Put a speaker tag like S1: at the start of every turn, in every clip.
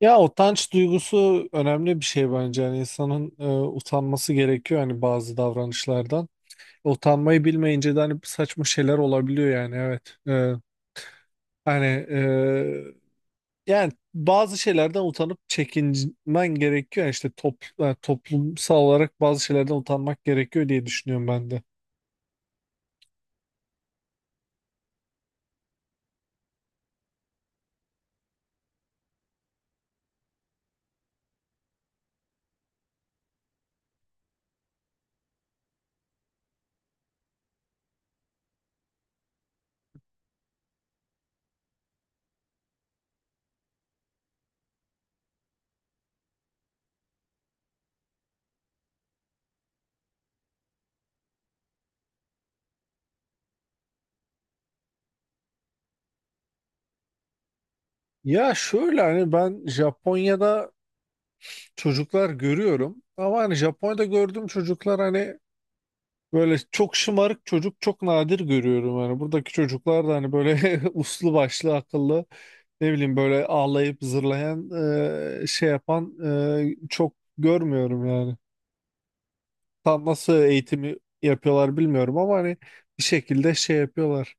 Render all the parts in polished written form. S1: Ya utanç duygusu önemli bir şey bence. Yani insanın utanması gerekiyor hani bazı davranışlardan. Utanmayı bilmeyince de hani saçma şeyler olabiliyor yani evet. Hani e, Yani bazı şeylerden utanıp çekinmen gerekiyor. Yani yani toplumsal olarak bazı şeylerden utanmak gerekiyor diye düşünüyorum ben de. Ya şöyle hani ben Japonya'da çocuklar görüyorum ama hani Japonya'da gördüğüm çocuklar hani böyle çok şımarık çocuk çok nadir görüyorum, hani buradaki çocuklar da hani böyle uslu başlı akıllı, ne bileyim, böyle ağlayıp zırlayan şey yapan çok görmüyorum yani. Tam nasıl eğitimi yapıyorlar bilmiyorum ama hani bir şekilde şey yapıyorlar.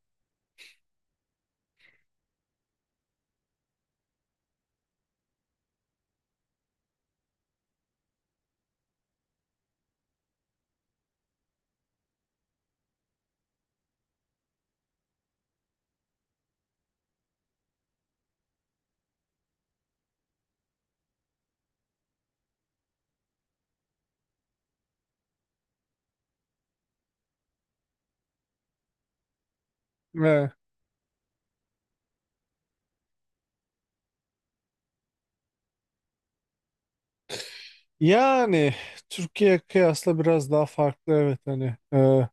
S1: Ve yani Türkiye kıyasla biraz daha farklı evet hani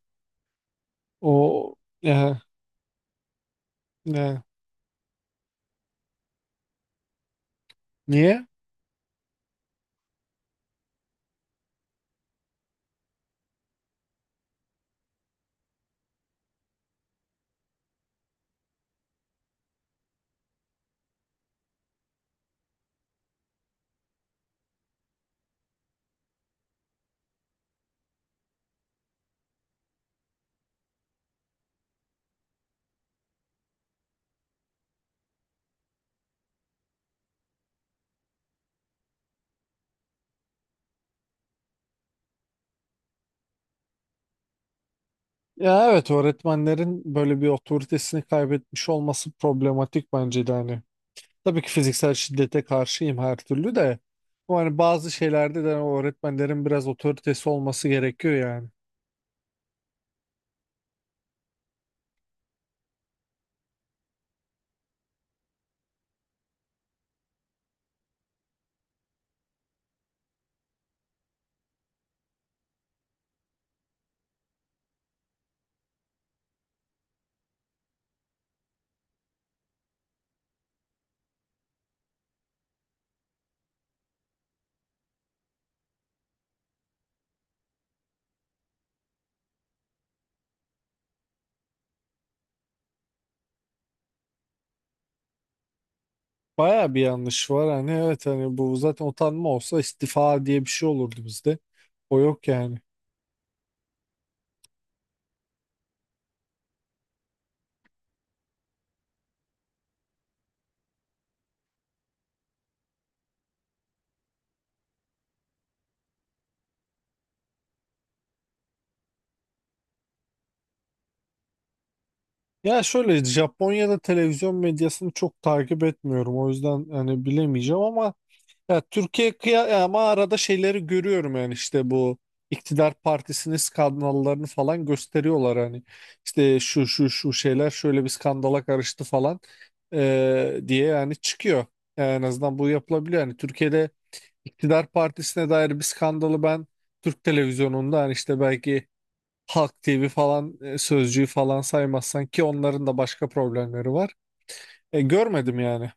S1: o e, e, niye? Ya evet, öğretmenlerin böyle bir otoritesini kaybetmiş olması problematik bence de hani. Tabii ki fiziksel şiddete karşıyım her türlü de. Ama hani bazı şeylerde de öğretmenlerin biraz otoritesi olması gerekiyor yani. Baya bir yanlış var hani, evet hani, bu zaten utanma olsa istifa diye bir şey olurdu bizde. O yok yani. Ya şöyle, Japonya'da televizyon medyasını çok takip etmiyorum, o yüzden hani bilemeyeceğim ama ya Türkiye kıya, ama arada şeyleri görüyorum yani işte bu iktidar partisinin skandallarını falan gösteriyorlar hani, işte şu şu şu şeyler şöyle bir skandala karıştı falan diye yani çıkıyor. Yani en azından bu yapılabiliyor. Yani Türkiye'de iktidar partisine dair bir skandalı ben Türk televizyonunda, hani işte belki Halk TV falan, Sözcü'yü falan saymazsan, ki onların da başka problemleri var, görmedim yani.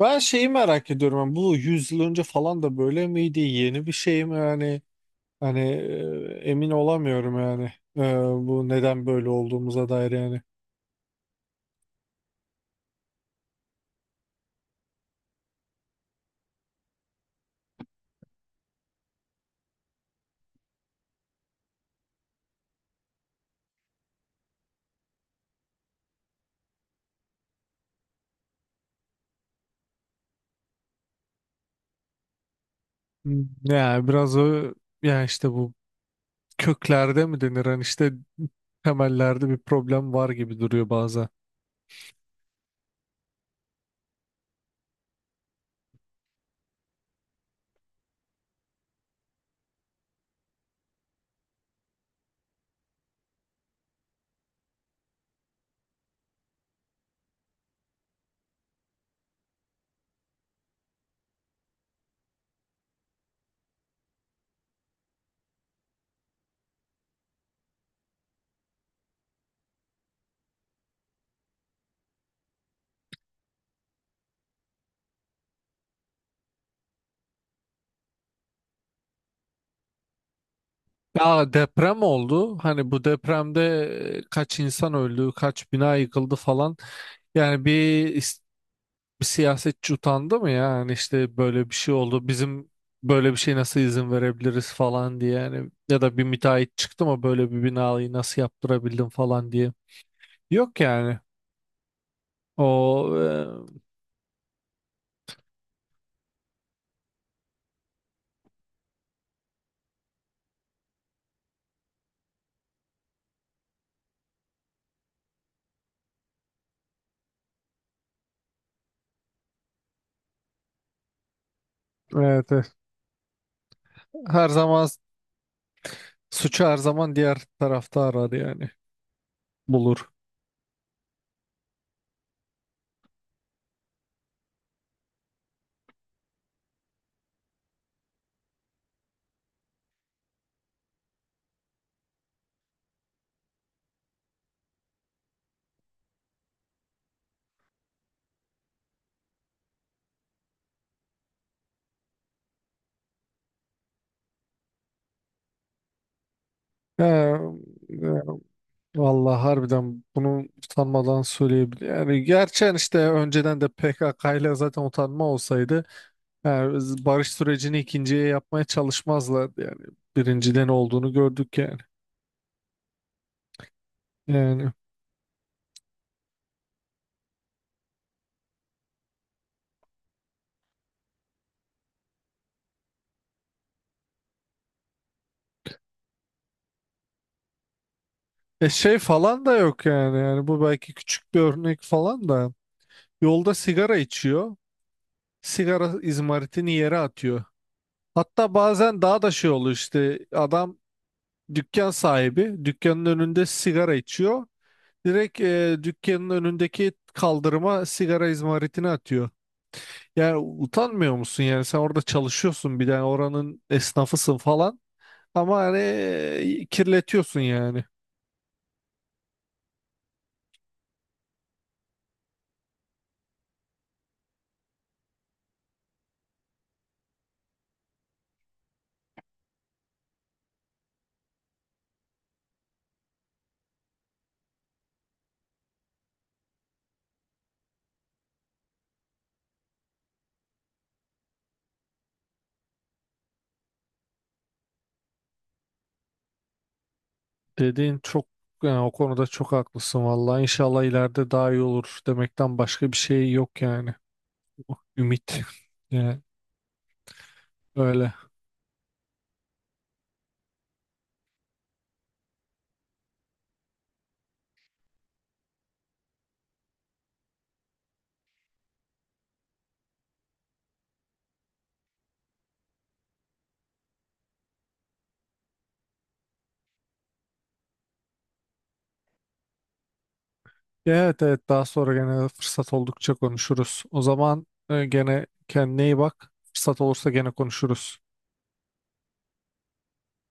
S1: Ben şeyi merak ediyorum, yani bu 100 yıl önce falan da böyle miydi? Yeni bir şey mi yani? Hani Emin olamıyorum yani. E, Bu neden böyle olduğumuza dair yani. Hmm, yani biraz o, yani işte bu köklerde mi denir, hani işte temellerde bir problem var gibi duruyor bazen. Ya deprem oldu. Hani bu depremde kaç insan öldü, kaç bina yıkıldı falan. Yani bir siyasetçi utandı mı ya? Yani işte böyle bir şey oldu. Bizim böyle bir şey nasıl izin verebiliriz falan diye. Yani ya da bir müteahhit çıktı mı böyle bir binayı nasıl yaptırabildin falan diye. Yok yani. O e, evet, evet. Her zaman, suçu her zaman diğer tarafta arar yani. Bulur. He, vallahi harbiden bunu utanmadan söyleyebilir. Yani gerçekten işte önceden de PKK ile zaten utanma olsaydı yani biz barış sürecini ikinciye yapmaya çalışmazlardı yani. Birinciden olduğunu gördük yani. Yani şey falan da yok yani. Yani bu belki küçük bir örnek falan da. Yolda sigara içiyor. Sigara izmaritini yere atıyor. Hatta bazen daha da şey oluyor, işte adam dükkan sahibi, dükkanın önünde sigara içiyor. Direkt dükkanın önündeki kaldırıma sigara izmaritini atıyor. Yani utanmıyor musun yani, sen orada çalışıyorsun bir de, yani oranın esnafısın falan ama hani kirletiyorsun yani. Dediğin çok, yani o konuda çok haklısın vallahi. İnşallah ileride daha iyi olur demekten başka bir şey yok yani. Ümit. Yani öyle. Evet evet, daha sonra gene fırsat oldukça konuşuruz. O zaman gene kendine iyi bak. Fırsat olursa gene konuşuruz.